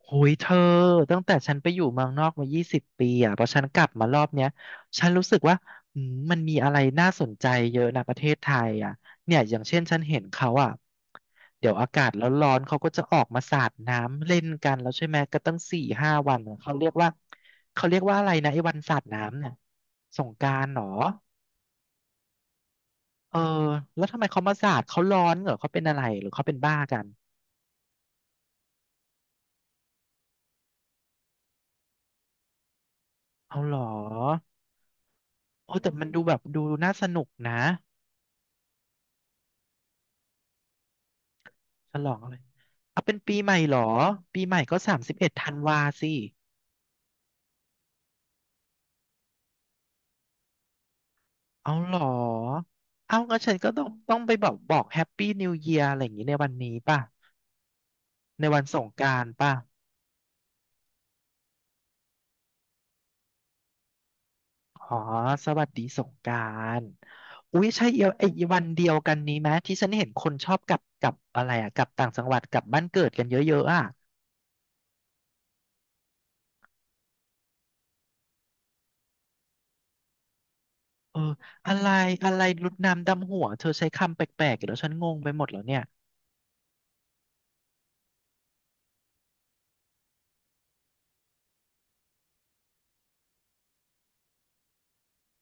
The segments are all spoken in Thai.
โอ้ยเธอตั้งแต่ฉันไปอยู่เมืองนอกมา20 ปีอ่ะพอฉันกลับมารอบเนี้ยฉันรู้สึกว่าอืมมันมีอะไรน่าสนใจเยอะนะประเทศไทยอ่ะเนี่ยอย่างเช่นฉันเห็นเขาอ่ะเดี๋ยวอากาศร้อนๆเขาก็จะออกมาสาดน้ำเล่นกันแล้วใช่ไหมก็ตั้ง4-5 วันอะเขาเรียกว่าเขาเรียกว่าอะไรนะไอ้วันสาดน้ำเนี่ยสงกรานต์เหรอเออแล้วทำไมเขามาสาดเขาร้อนเหรอเขาเป็นอะไรหรือเขาเป็นบ้ากันเอาเหรอโอ้แต่มันดูแบบดูน่าสนุกนะ ฉลองอะไรเอาเป็นปีใหม่เหรอ ปีใหม่ก็31 ธันวาสิ เอาเหรอ เอางั้นฉันก็ต้องไปบอกแฮปปี้นิวเยียร์อะไรอย่างนี้ในวันนี้ป่ะ ในวันสงกรานต์ป่ะอ๋อสวัสดีสงกรานต์อุ๊ยใช่เอียวไอ้วันเดียวกันนี้ไหมที่ฉันเห็นคนชอบกลับอะไรอะกลับต่างจังหวัดกลับบ้านเกิดกันเยอะๆอะเอออะไรอะไรรุดน้ำดำหัวเธอใช้คำแปลกๆเดี๋ยวฉันงงไปหมดแล้วเนี่ย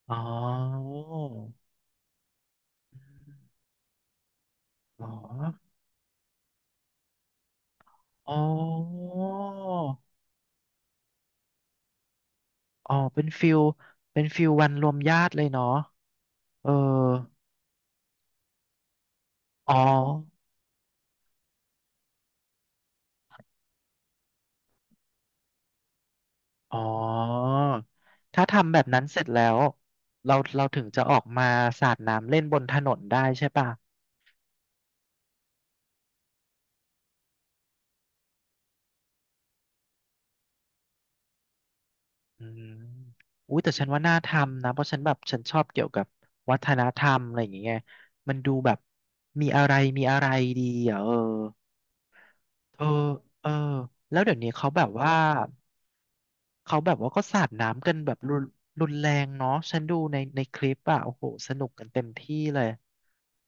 อ๋ออ๋อ อ๋ออ๋อเป็นฟิลเป็นฟิลวันรวมญาติเลยเนาะเอออ๋อ อ๋อ ถ้าทำแบบนั้นเสร็จแล้วเราถึงจะออกมาสาดน้ำเล่นบนถนนได้ใช่ป่ะอืมอุ้ยแต่ฉันว่าน่าทำนะเพราะฉันแบบฉันชอบเกี่ยวกับวัฒนธรรมอะไรอย่างเงี้ยมันดูแบบมีอะไรดีอ่ะเออเออเออแล้วเดี๋ยวนี้เขาแบบว่า เขาแบบว่าก็สาดน้ำกันแบบรุนแรงเนาะฉันดูในในคลิปอะโอ้โหสนุกกันเต็มที่เลย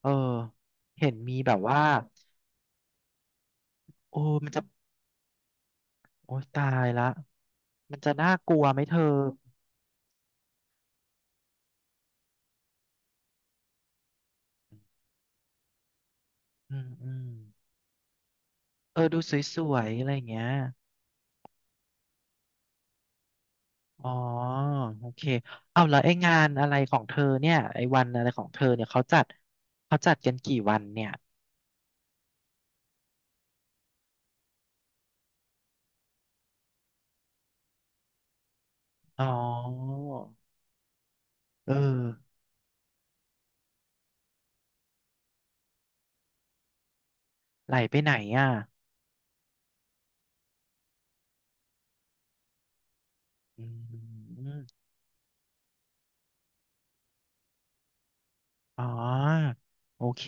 เออเห็นมีแบบว่าโอ้มันจะโอ้ยตายละมันจะน่ากลัวไหมเธออืมอืมเออดูสวยๆอะไรอย่างเงี้ยอ๋อโอเคเอาแล้วไอ้งานอะไรของเธอเนี่ยไอ้วันอะไรของเธอเนี่ยเขาจัดเขาจัดกันกี่วันเนี่ยอ๋อเออไหลไปไหนอ่ะอืม อ๋อโอเค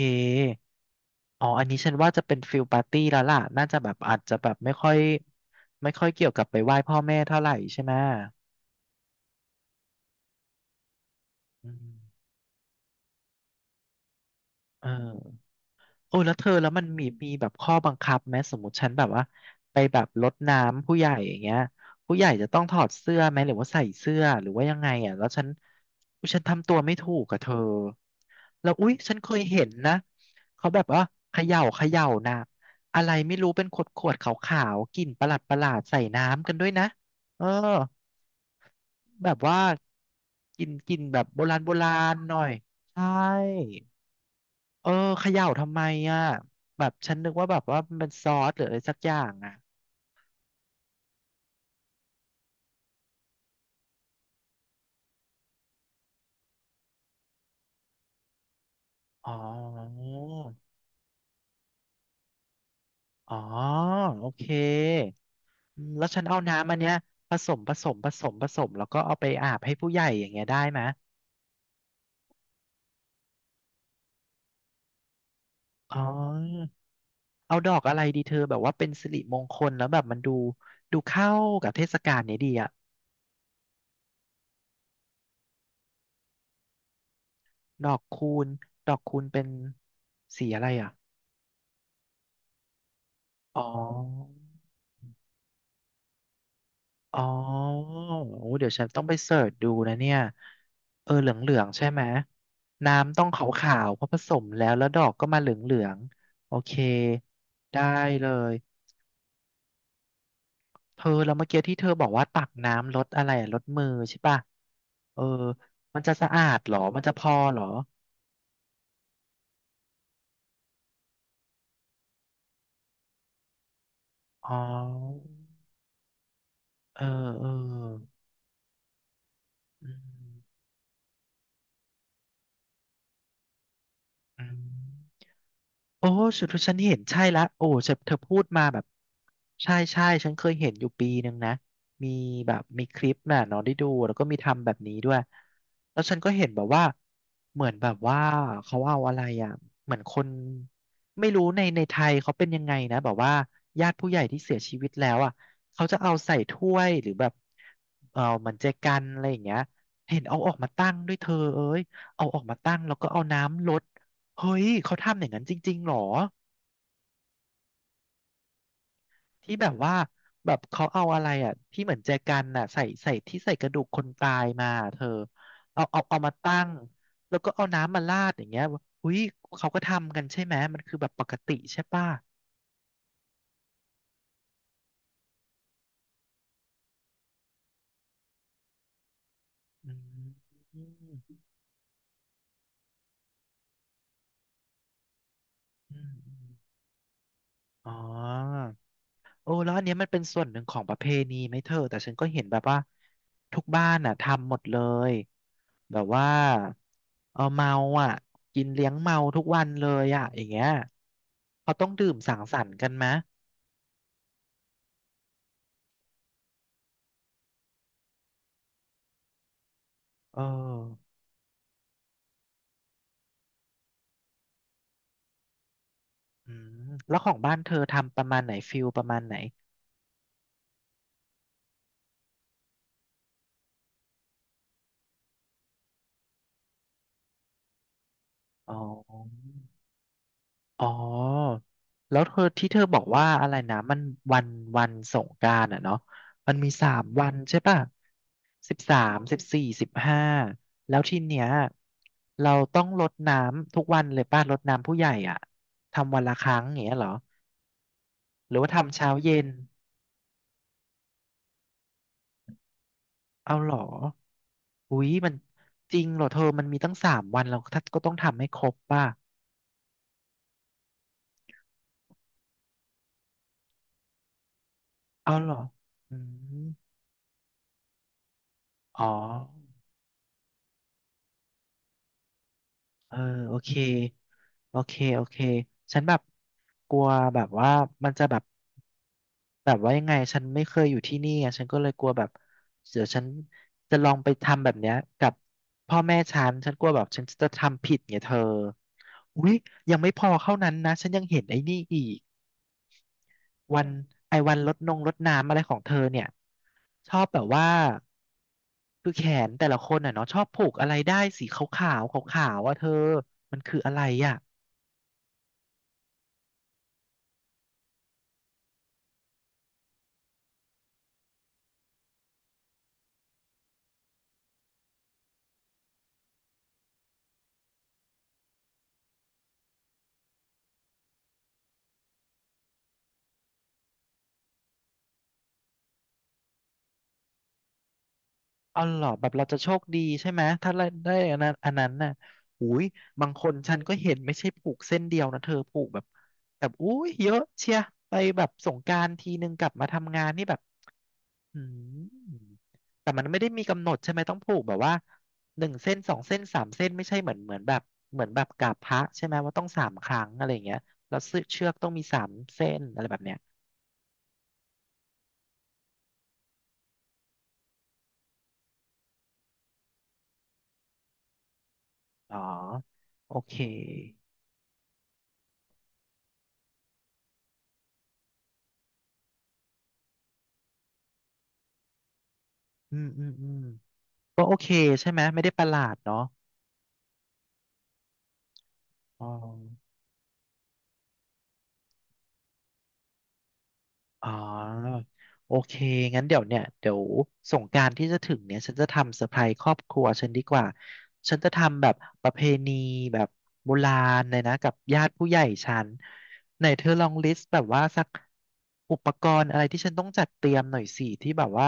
อ๋ออันนี้ฉันว่าจะเป็นฟิลปาร์ตี้แล้วล่ะน่าจะแบบอาจจะแบบไม่ค่อยเกี่ยวกับไปไหว้พ่อแม่เท่าไหร่ใช่ไหมอืมเออ โอ้แล้วเธอแล้วมันมีมีแบบข้อบังคับไหมสมมติฉันแบบว่าไปแบบรดน้ำผู้ใหญ่อย่างเงี้ยผู้ใหญ่จะต้องถอดเสื้อไหมหรือว่าใส่เสื้อหรือว่ายังไงอ่ะแล้วฉันอุ๊ยฉันทำตัวไม่ถูกกับเธอแล้วอุ๊ยฉันเคยเห็นนะเขาแบบว่าเขย่านะอะไรไม่รู้เป็นขวดขาวๆกลิ่นประหลาดใส่น้ำกันด้วยนะเออแบบว่ากินกินแบบโบราณโบราณหน่อยใช่ เออเขย่าทำไมอ่ะแบบฉันนึกว่าแบบว่ามันเป็นซอสหรืออะไรสักอย่างอ่ะอ๋ออ๋อโอเคอืมแล้วฉันเอาน้ำอันเนี้ยผสมแล้วก็เอาไปอาบให้ผู้ใหญ่อย่างเงี้ยได้ไหมอ๋อเอาดอกอะไรดีเธอแบบว่าเป็นสิริมงคลแล้วแบบมันดูดูเข้ากับเทศกาลเนี้ยดีอ่ะดอกคูณดอกคูณเป็นสีอะไรอ่ะอ๋อ อ๋อโอ้เดี๋ยวฉันต้องไปเสิร์ชดูนะเนี่ยเออเหลืองๆใช่ไหม น้ำต้องขาวๆเพราะผสมแล้วแล้วดอกก็มาเหลืองๆโอเคได้เลยเธอแล้วเมื่อกี้ที่เธอบอกว่าตักน้ำลดอะไรอะลดมือใช่ป่ะเออมันจะสะอาดเหรอมันจะพอเหรออ๋อเออเอออืมอืม โอ้สุดที่ฉันเห็นใช่ละโอ้เธอเธอพูดมาแบบใช่ใช่ฉันเคยเห็นอยู่ปีหนึ่งนะมีแบบมีคลิปน่ะเนอนได้ดูแล้วก็มีทำแบบนี้ด้วยแล้วฉันก็เห็นแบบว่าเหมือนแบบว่าเขาเอาอะไรอ่ะเหมือนคนไม่รู้ในในไทยเขาเป็นยังไงนะแบบว่าญาติผู้ใหญ่ที่เสียชีวิตแล้วอ่ะเขาจะเอาใส่ถ้วยหรือแบบเออเหมือนเจกันอะไรอย่างเงี้ยเห็นเอาออกมาตั้งด้วยเธอเอ้ยเอาออกมาตั้งแล้วก็เอาน้ำรด เฮ้ย เขาทำอย่างนั้นจริงๆหรอที่แบบว่าแบบเขาเอาอะไรอ่ะที่เหมือนแจกันน่ะใส่ใส่ที่ใส่กระดูกคนตายมาเธอเอามาตั้งแล้วก็เอาน้ำมาราดอย่างเงี้ยเฮ้ยเขาก็ทำกันใช่ไหมมันคือแบบปกติใช่ป่ะอืมอืมอืมอ๋อ โอ้แล้วอันเนี้ยมันเป็นส่วนหนึ่งของประเพณีไหมเธอแต่ฉันก็เห็นแบบว่าทุกบ้านอ่ะทำหมดเลยแบบว่าเอาเมาอ่ะกินเลี้ยงเมาทุกวันเลยอ่ะอย่างเงี้ยเขาต้องดื่มสังสรรค์กันไหมเอออืมแล้วของบ้านเธอทำประมาณไหนฟิลประมาณไหนอ๋อ อ๋อแล้วเธอที่เธอบอกว่าอะไรนะมันวันวันสงกรานต์อ่ะเนาะมันมีสามวันใช่ป่ะ13 14 15แล้วทีเนี้ยเราต้องรดน้ำทุกวันเลยป่ะรดน้ำผู้ใหญ่อ่ะทำวันละครั้งอย่างเงี้ยเหรอหรือว่าทำเช้าเย็นเอาเหรออุ๊ยมันจริงเหรอเธอมันมีตั้งสามวันเราก็ต้องทำให้ครบป่ะเอาเหรออืมอ๋อ เออโอเคโอเคโอเคฉันแบบกลัวแบบว่ามันจะแบบแบบว่ายังไงฉันไม่เคยอยู่ที่นี่ไงฉันก็เลยกลัวแบบเดี๋ยวฉันจะลองไปทำแบบเนี้ยกับพ่อแม่ฉันฉันกลัวแบบฉันจะทำผิดไงเธออุ๊ยยังไม่พอเท่านั้นนะฉันยังเห็นไอ้นี่อีกวันไอ้วันลดนงลดน้ำอะไรของเธอเนี่ยชอบแบบว่าคือแขนแต่ละคนอ่ะเนาะชอบผูกอะไรได้สีขาวๆขาวๆว่าเธอมันคืออะไรอ่ะ อ๋อเหรอแบบเราจะโชคดีใช่ไหมถ้าได้อันนั้นอันนั้นน่ะอุ้ยบางคนฉันก็เห็นไม่ใช่ผูกเส้นเดียวนะเธอผูกแบบแบบอุ้ยเยอะเชียไปแบบสงกรานต์ทีนึงกลับมาทำงานนี่แบบอืมแต่มันไม่ได้มีกำหนดใช่ไหมต้องผูกแบบว่าหนึ่งเส้นสองเส้นสามเส้นไม่ใช่เหมือนเหมือนแบบเหมือนแบบกราบพระใช่ไหมว่าต้องสามครั้งอะไรอย่างเงี้ยแล้วเสื้อเชือกต้องมีสามเส้นอะไรแบบเนี้ยอ๋อโอเคอืมอืมอืมก็โอเคใช่ไหมไม่ได้ประหลาดเนาะ อ๋ออ๋อโอเคงั้นเดี๋ยวเนี่ยเดี๋ยวสงกรานต์ที่จะถึงเนี่ยฉันจะทำเซอร์ไพรส์ครอบครัวฉันดีกว่าฉันจะทำแบบประเพณีแบบโบราณเลยนะกับญาติผู้ใหญ่ฉันไหนเธอลองลิสต์แบบว่าสักอุปกรณ์อะไรที่ฉันต้องจัดเตรียมหน่อยสิที่แบบว่า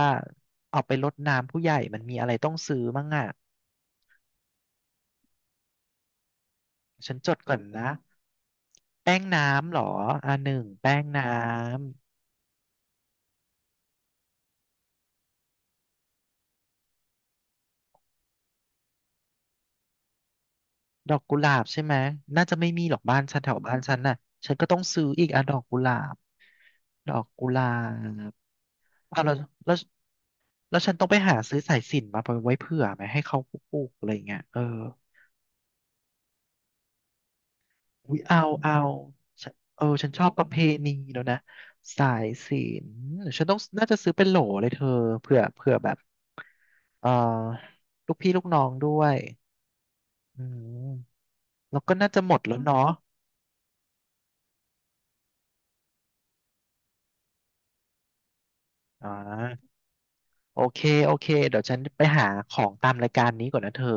เอาไปรดน้ำผู้ใหญ่มันมีอะไรต้องซื้อมั่งอ่ะฉันจดก่อนนะแป้งน้ำเหรออ่าหนึ่งแป้งน้ ดอกกุหลาบใช่ไหมน่าจะไม่มีหรอกบ้านฉันแถวบ้านฉันน่ะฉันก็ต้องซื้ออีกอ่ะดอกกุหลาบดอกกุหลาบเอาวแล้วแล้วแล้วฉันต้องไปหาซื้อสายสิญจน์มาไว้เผื่อไหมให้เขาปลูกๆอะไรเงี้ยเอออุ๊ยเอาเอาฉันเออฉันชอบประเพณีแล้วนะสายสินฉันต้องน่าจะซื้อเป็นโหลเลยเธอเผื่อเผื่อแบบเออลูกพี่ลูกน้องด้วยอืมแล้วก็น่าจะหมดแล้วเนาะอ่า โอเค โอเค เดี๋ยวฉันไปหาของตามรายการนี้ก่อนนะเธอ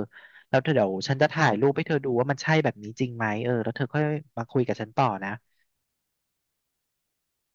แล้วเธอเดี๋ยวฉันจะถ่ายรูปให้เธอดูว่ามันใช่แบบนี้จริงไหม เออ แล้วเธอค่อยมาคุยกับฉันต่อนะ